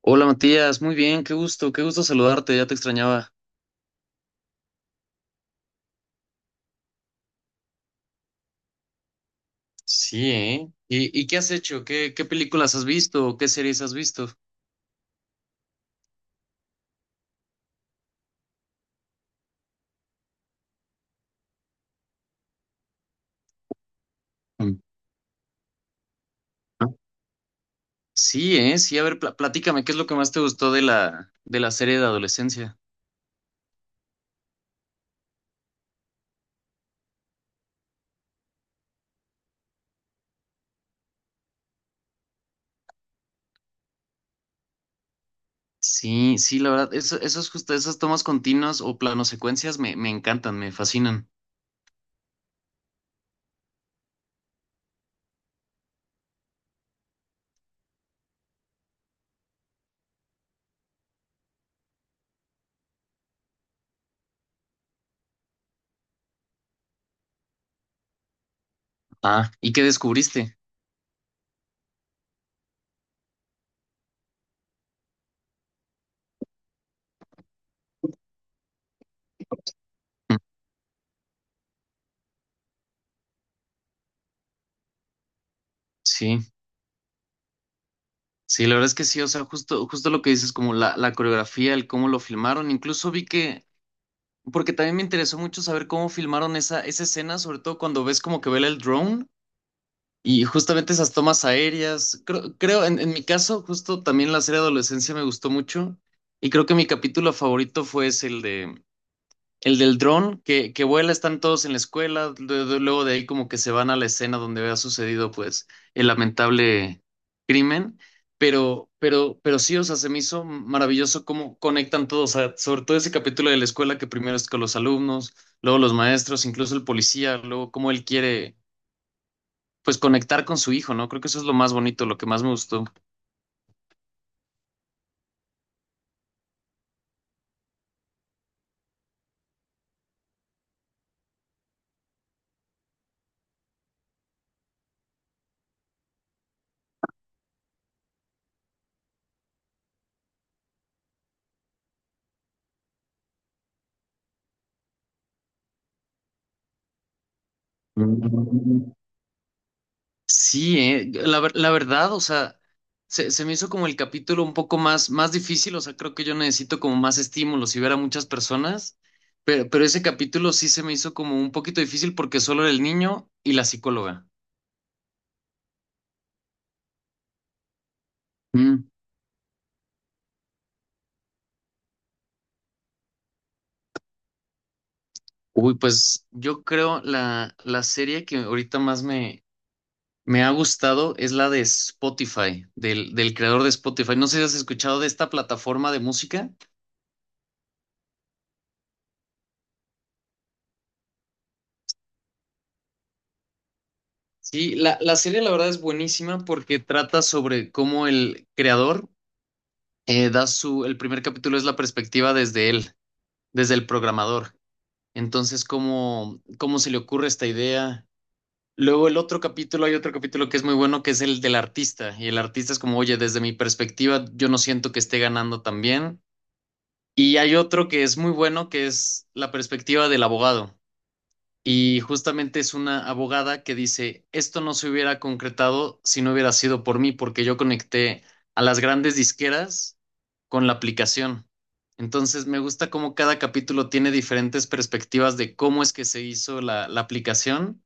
Hola Matías, muy bien, qué gusto saludarte, ya te extrañaba. Sí, ¿eh? ¿Y qué has hecho? ¿Qué películas has visto o qué series has visto? Mm. Sí, ¿eh? Sí, a ver, platícame, ¿qué es lo que más te gustó de de la serie de adolescencia? Sí, sí, la verdad, eso, esos justo, esas tomas continuas o planosecuencias me encantan, me fascinan. Ah, ¿y qué descubriste? Mm. Sí, sí, la verdad es que sí, o sea, justo, justo lo que dices, como la coreografía, el cómo lo filmaron, incluso vi que porque también me interesó mucho saber cómo filmaron esa escena, sobre todo cuando ves como que vela el drone y justamente esas tomas aéreas. Creo, en mi caso, justo también la serie Adolescencia me gustó mucho, y creo que mi capítulo favorito fue es el de el del dron que vuela, están todos en la escuela, luego de ahí como que se van a la escena donde había sucedido pues el lamentable crimen, pero sí, o sea, se me hizo maravilloso cómo conectan todos, o sea, sobre todo ese capítulo de la escuela, que primero es con los alumnos, luego los maestros, incluso el policía, luego cómo él quiere pues conectar con su hijo, ¿no? Creo que eso es lo más bonito, lo que más me gustó. Sí, la verdad, o sea, se me hizo como el capítulo un poco más, más difícil, o sea, creo que yo necesito como más estímulos y ver a muchas personas, pero ese capítulo sí se me hizo como un poquito difícil porque solo era el niño y la psicóloga. Mm. Uy, pues yo creo la serie que ahorita más me ha gustado es la de Spotify, del creador de Spotify. No sé si has escuchado de esta plataforma de música. Sí, la serie la verdad es buenísima porque trata sobre cómo el creador el primer capítulo es la perspectiva desde él, desde el programador. Entonces, cómo se le ocurre esta idea. Luego el otro capítulo, hay otro capítulo que es muy bueno, que es el del artista. Y el artista es como, oye, desde mi perspectiva, yo no siento que esté ganando tan bien. Y hay otro que es muy bueno, que es la perspectiva del abogado. Y justamente es una abogada que dice, esto no se hubiera concretado si no hubiera sido por mí, porque yo conecté a las grandes disqueras con la aplicación. Entonces me gusta cómo cada capítulo tiene diferentes perspectivas de cómo es que se hizo la aplicación,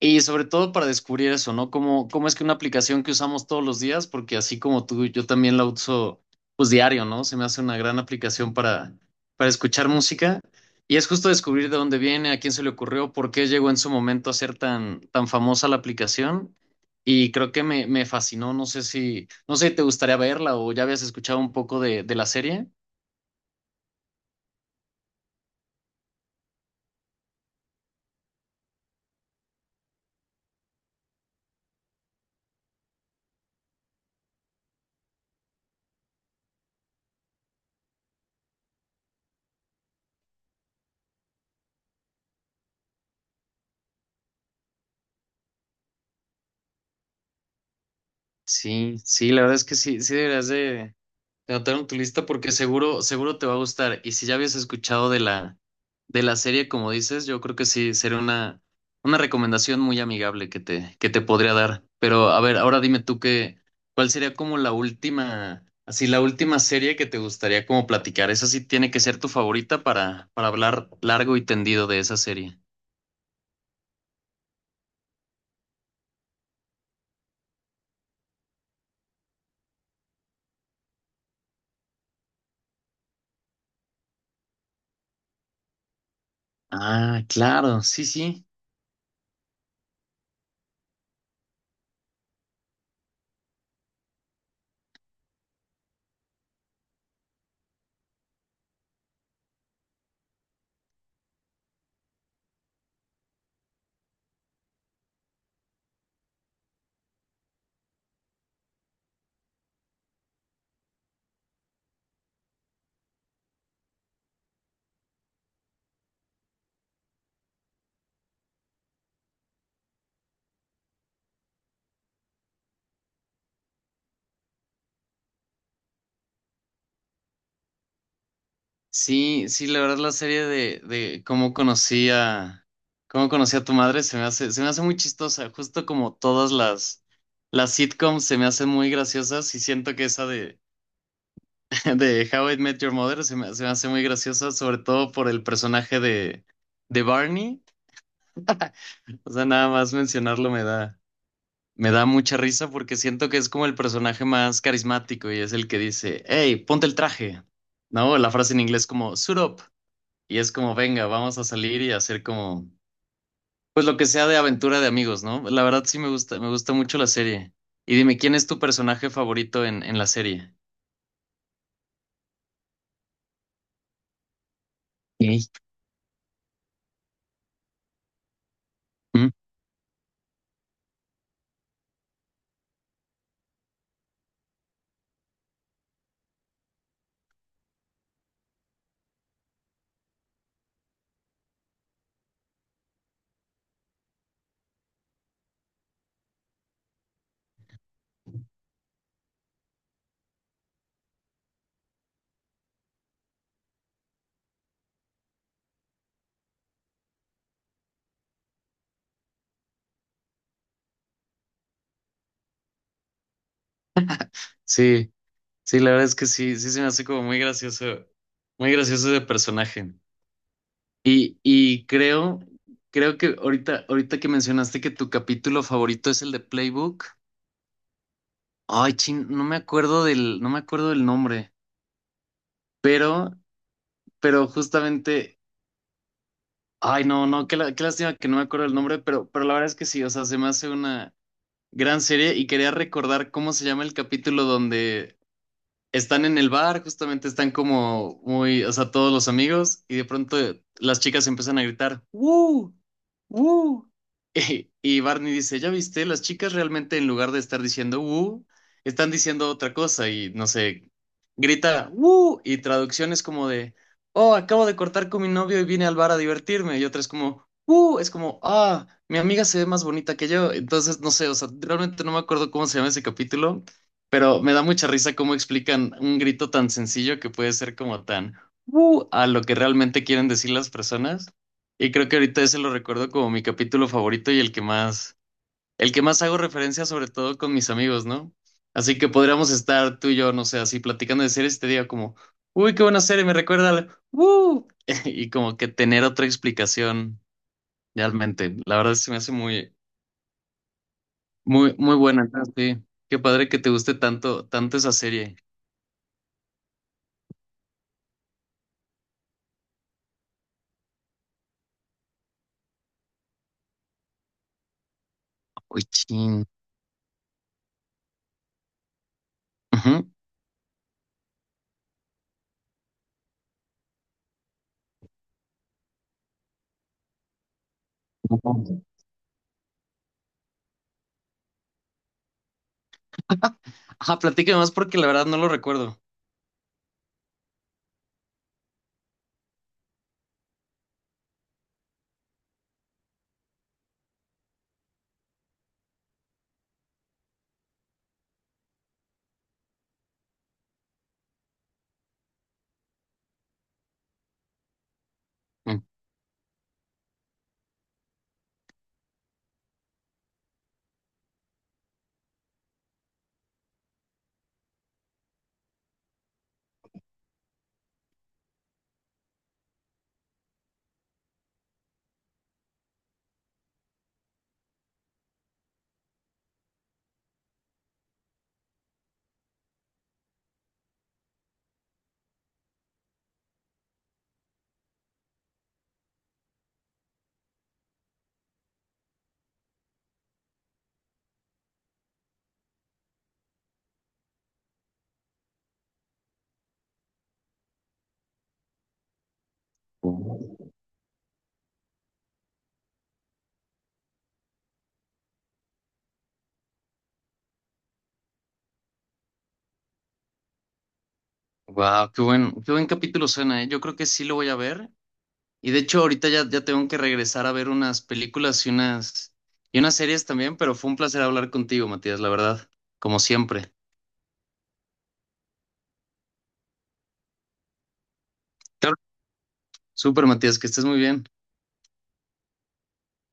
y sobre todo para descubrir eso, ¿no? Cómo, cómo es que una aplicación que usamos todos los días, porque así como tú, yo también la uso pues diario, ¿no? Se me hace una gran aplicación para escuchar música. Y es justo descubrir de dónde viene, a quién se le ocurrió, por qué llegó en su momento a ser tan, tan famosa la aplicación. Y creo que me fascinó. No sé si, no sé si te gustaría verla o ya habías escuchado un poco de la serie. Sí, sí, la verdad es que sí, sí deberías de, te anotaron tu lista porque seguro, seguro te va a gustar. Y si ya habías escuchado de de la serie, como dices, yo creo que sí sería una recomendación muy amigable que te podría dar. Pero a ver, ahora dime tú qué, cuál sería como la última, así la última serie que te gustaría como platicar. Esa sí tiene que ser tu favorita para hablar largo y tendido de esa serie. Ah, claro, sí, sí. Sí, sí, la verdad la serie de cómo conocí a tu madre se me hace muy chistosa, justo como todas las sitcoms se me hacen muy graciosas, y siento que esa de, de How I Met Your Mother se me hace muy graciosa, sobre todo por el personaje de Barney. O sea, nada más mencionarlo me da mucha risa porque siento que es como el personaje más carismático y es el que dice, hey, ponte el traje, ¿no? La frase en inglés como, suit up. Y es como, venga, vamos a salir y hacer como, pues lo que sea de aventura de amigos, ¿no? La verdad sí me gusta mucho la serie. Y dime, ¿quién es tu personaje favorito en la serie? Ey. ¿Mm? Sí, sí, la verdad es que sí, sí se me hace como muy gracioso de personaje. Y, y creo, creo que ahorita, ahorita que mencionaste que tu capítulo favorito es el de Playbook. Ay, chin, no me acuerdo del, no me acuerdo del nombre, pero, pero justamente ay, no, no, qué, qué lástima que no me acuerdo el nombre, pero la verdad es que sí, o sea, se me hace una gran serie, y quería recordar cómo se llama el capítulo donde están en el bar, justamente están como muy, o sea, todos los amigos, y de pronto las chicas empiezan a gritar, ¡Woo! ¡Woo! Y Barney dice, ¿ya viste? Las chicas realmente en lugar de estar diciendo ¡Woo! Están diciendo otra cosa, y no sé, grita ¡Woo! Y traducción es como de, oh, acabo de cortar con mi novio y vine al bar a divertirme, y otra es como, ¡Woo! Es como, ah, mi amiga se ve más bonita que yo, entonces no sé, o sea, realmente no me acuerdo cómo se llama ese capítulo, pero me da mucha risa cómo explican un grito tan sencillo que puede ser como tan a lo que realmente quieren decir las personas. Y creo que ahorita ese lo recuerdo como mi capítulo favorito y el que más hago referencia, sobre todo con mis amigos, ¿no? Así que podríamos estar tú y yo, no sé, así platicando de series y te diga como, uy, qué buena serie, me recuerda al y como que tener otra explicación realmente. La verdad se me hace muy, muy, muy buena. Entonces, sí, qué padre que te guste tanto, tanto esa serie. Uy, chin. Ujú. Ujú. Ajá, platícame más porque la verdad no lo recuerdo. Wow, qué buen capítulo suena, ¿eh? Yo creo que sí lo voy a ver. Y de hecho, ahorita ya, ya tengo que regresar a ver unas películas y unas series también, pero fue un placer hablar contigo, Matías, la verdad, como siempre. Claro. Súper, Matías, que estés muy bien.